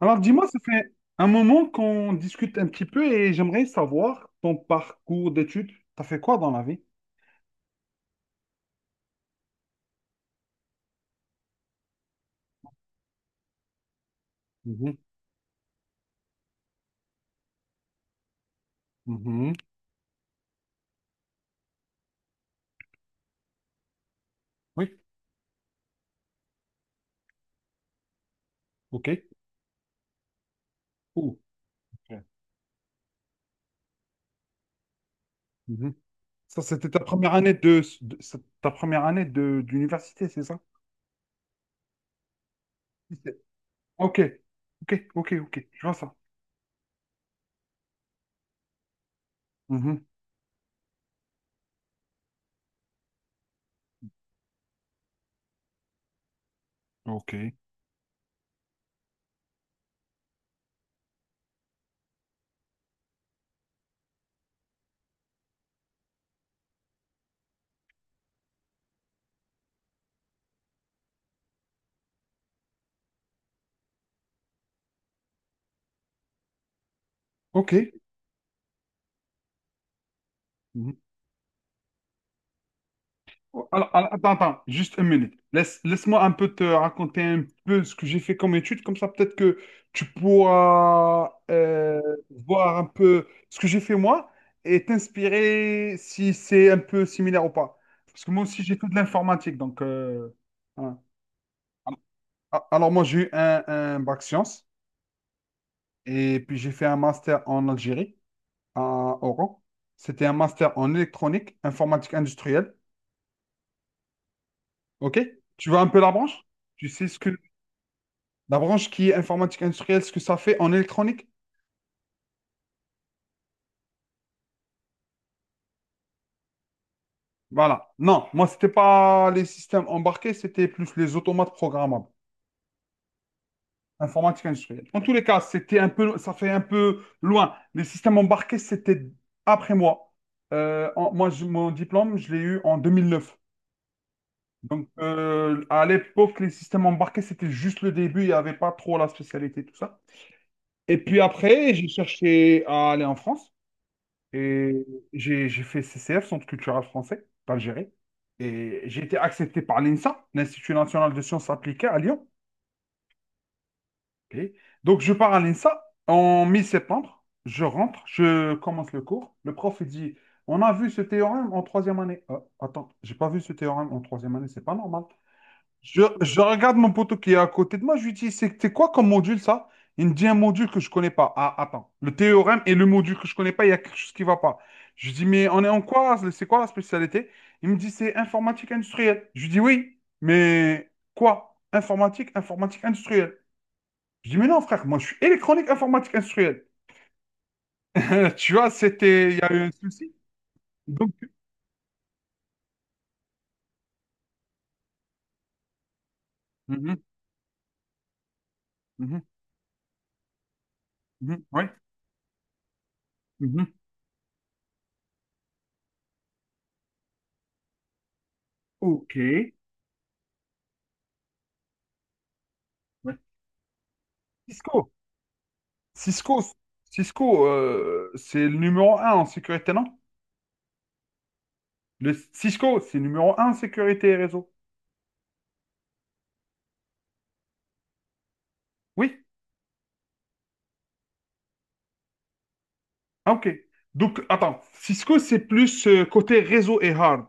Alors, dis-moi, ça fait un moment qu'on discute un petit peu et j'aimerais savoir ton parcours d'études. T'as fait quoi dans la vie? Mhm, mhm. Oui, ok. Ouh, ok. Mhm. Ça, c'était ta première année c'est ta première année de d'université, c'est ça? Ok, ok, ok, ok. Je vois ça. Mhm. Ok, ok. Alors, attends, juste une minute. Laisse-moi un peu te raconter un peu ce que j'ai fait comme étude, comme ça peut-être que tu pourras voir un peu ce que j'ai fait moi et t'inspirer si c'est un peu similaire ou pas. Parce que moi aussi j'ai fait de l'informatique, donc voilà. Alors, moi j'ai eu un bac sciences et puis j'ai fait un master en Algérie, à Oran. C'était un master en électronique, informatique industrielle. Ok? Tu vois un peu la branche? Tu sais ce que La branche qui est informatique industrielle, ce que ça fait en électronique? Voilà. Non, moi, c'était pas les systèmes embarqués, c'était plus les automates programmables. Informatique industrielle. En tous les cas, c'était un peu, ça fait un peu loin. Les systèmes embarqués, c'était après moi. Moi, mon diplôme, je l'ai eu en 2009. Donc, à l'époque, les systèmes embarqués, c'était juste le début. Il n'y avait pas trop la spécialité, tout ça. Et puis après, j'ai cherché à aller en France. Et j'ai fait CCF, Centre culturel français d'Algérie. Et j'ai été accepté par l'INSA, l'Institut national de sciences appliquées à Lyon. Ok. Donc je pars à l'INSA en mi-septembre. Je rentre, je commence le cours. Le prof il dit, on a vu ce théorème en troisième année. Ah, attends, j'ai pas vu ce théorème en troisième année, c'est pas normal. Je regarde mon poteau qui est à côté de moi, je lui dis, c'est quoi comme module ça? Il me dit un module que je connais pas. Ah, attends, le théorème et le module que je connais pas, il y a quelque chose qui va pas. Je lui dis, mais on est en quoi? C'est quoi la spécialité? Il me dit, c'est informatique industrielle. Je lui dis, oui, mais quoi? Informatique, informatique industrielle. Je dis, mais non, frère, moi je suis électronique informatique industrielle. Tu vois, c'était, il y a eu un souci. Donc, Mhm, mhm, mhm, ouais, mhm. Ok. Ouais. Cisco. Cisco, Cisco, c'est le numéro un en sécurité, non? Le Cisco, c'est numéro un en sécurité et réseau. Oui? Ah, ok. Donc, attends, Cisco, c'est plus côté réseau et hard.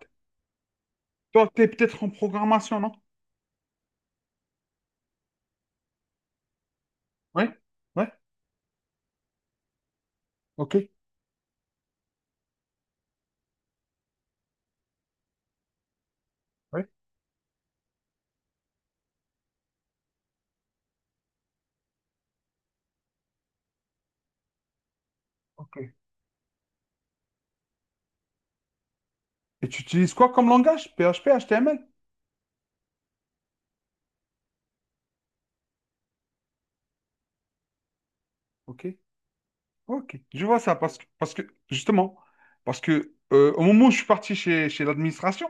Toi, t'es peut-être en programmation, non? Oui? Ouais? Ok. Ouais? Ok. Et tu utilises quoi comme langage? PHP, HTML? Ok. Ok. Je vois ça parce que justement, parce que au moment où je suis parti chez l'administration.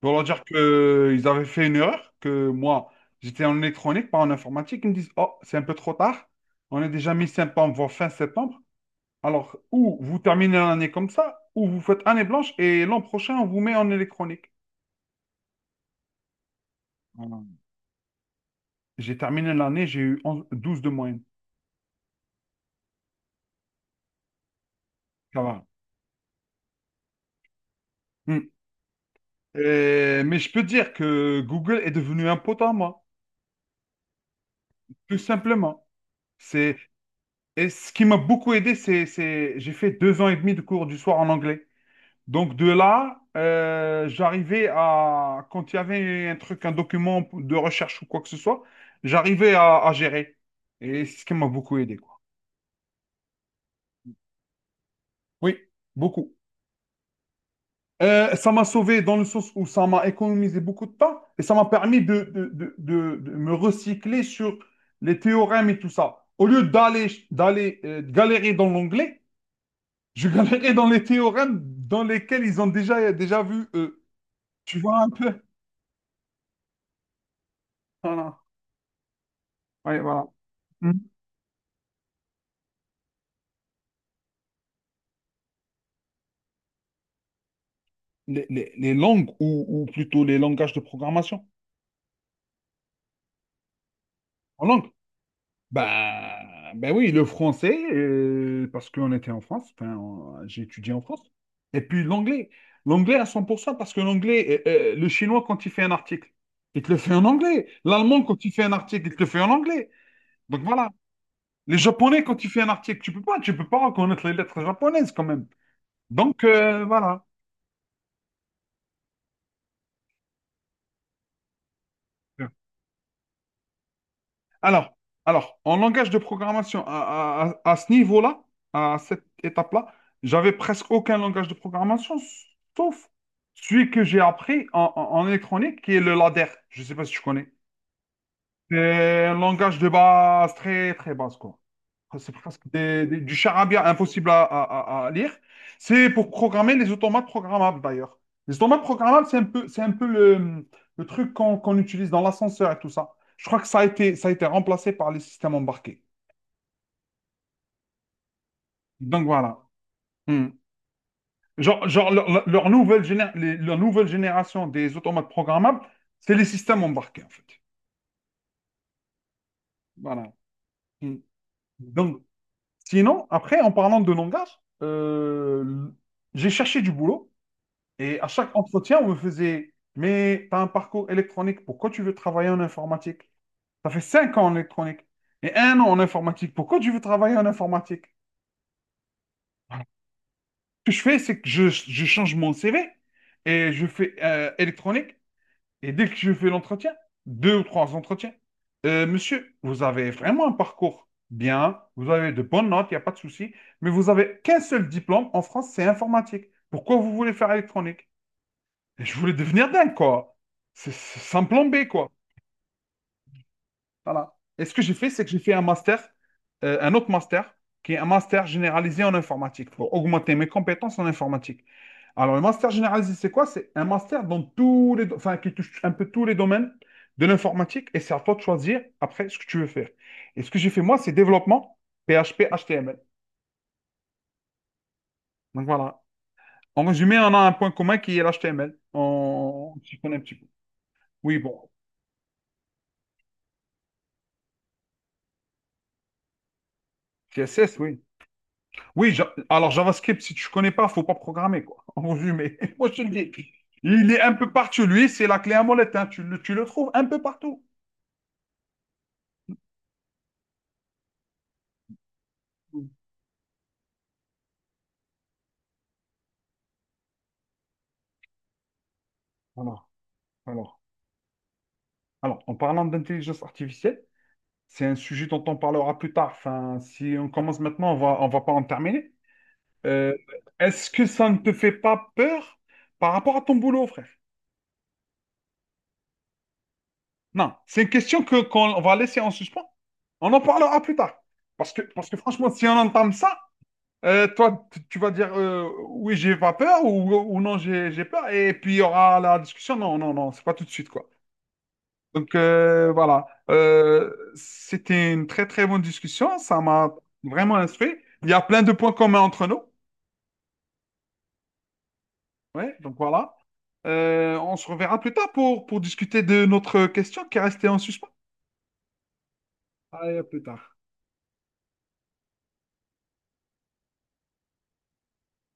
Pour leur dire qu'ils avaient fait une erreur, que moi, j'étais en électronique, pas en informatique. Ils me disent, oh, c'est un peu trop tard. On est déjà mi-septembre, voire fin septembre. Alors, ou vous terminez l'année comme ça, ou vous faites année blanche et l'an prochain, on vous met en électronique. Voilà. J'ai terminé l'année, j'ai eu 11 12 de moyenne. Ça va. Hmm. Mais je peux dire que Google est devenu un pote à moi, tout simplement. C'est, et ce qui m'a beaucoup aidé, j'ai fait 2 ans et demi de cours du soir en anglais. Donc de là, quand il y avait un truc, un document de recherche ou quoi que ce soit, j'arrivais à gérer. Et c'est ce qui m'a beaucoup aidé, quoi. Oui, beaucoup. Ça m'a sauvé dans le sens où ça m'a économisé beaucoup de temps et ça m'a permis de me recycler sur les théorèmes et tout ça. Au lieu d'aller galérer dans l'onglet, je galérais dans les théorèmes dans lesquels ils ont déjà vu eux. Tu vois un peu? Voilà. Ouais, voilà. Les langues ou plutôt les langages de programmation en langue. Ben oui, le français, parce qu'on était en France, enfin, j'ai étudié en France. Et puis l'anglais, l'anglais à 100% parce que l'anglais, le chinois quand il fait un article, il te le fait en anglais. L'allemand quand il fait un article, il te le fait en anglais. Donc voilà. Les japonais quand il fait un article, tu peux pas reconnaître les lettres japonaises quand même. Donc voilà. Alors, alors, en langage de programmation, à ce niveau-là, à cette étape-là, j'avais presque aucun langage de programmation, sauf celui que j'ai appris en électronique, qui est le ladder. Je ne sais pas si tu connais. C'est un langage de base très très basse quoi. Enfin, c'est presque du charabia impossible à lire. C'est pour programmer les automates programmables d'ailleurs. Les automates programmables, c'est un peu le truc qu'on utilise dans l'ascenseur et tout ça. Je crois que ça a été remplacé par les systèmes embarqués. Donc voilà. Hmm. Genre leur nouvelle génération des automates programmables, c'est les systèmes embarqués en fait. Voilà. Hmm. Donc Sinon, après, en parlant de langage, j'ai cherché du boulot et à chaque entretien, on me faisait, mais tu as un parcours électronique, pourquoi tu veux travailler en informatique? Ça fait 5 ans en électronique et 1 an en informatique, pourquoi tu veux travailler en informatique? Voilà. Ce que je fais, c'est que je change mon CV et je fais électronique. Et dès que je fais l'entretien, deux ou trois entretiens, monsieur, vous avez vraiment un parcours bien, vous avez de bonnes notes, il n'y a pas de souci, mais vous avez qu'un seul diplôme en France, c'est informatique. Pourquoi vous voulez faire électronique? Et je voulais devenir dingue, quoi. C'est sans plan B, quoi. Voilà. Et ce que j'ai fait, c'est que j'ai fait un master, un autre master, qui est un master généralisé en informatique, pour augmenter mes compétences en informatique. Alors, le master généralisé, c'est quoi? C'est un master dans tous les, do- enfin, qui touche un peu tous les domaines de l'informatique, et c'est à toi de choisir après ce que tu veux faire. Et ce que j'ai fait, moi, c'est développement PHP HTML. Donc voilà. En résumé, on a un point commun qui est l'HTML. On s'y connaît un petit peu. Oui, bon, CSS, oui. Oui, Alors JavaScript, si tu ne connais pas, faut pas programmer, quoi. En résumé, moi je te le dis. Il est un peu partout, lui, c'est la clé à molette, hein. Tu le trouves un peu partout. Alors, alors, alors, en parlant d'intelligence artificielle, c'est un sujet dont on parlera plus tard. Enfin, si on commence maintenant, on va pas en terminer. Euh, Est-ce que ça ne te fait pas peur par rapport à ton boulot, frère? Non, c'est une question que qu'on va laisser en suspens. On en parlera plus tard. Parce que franchement, si on entame ça, toi, tu vas dire oui, j'ai pas peur ou non, j'ai peur. Et puis il y aura la discussion. Non, non, non, c'est pas tout de suite, quoi. Donc voilà. C'était une très très bonne discussion. Ça m'a vraiment instruit. Il y a plein de points communs entre nous. Ouais, donc voilà. On se reverra plus tard pour discuter de notre question qui est restée en suspens. Allez, à plus tard.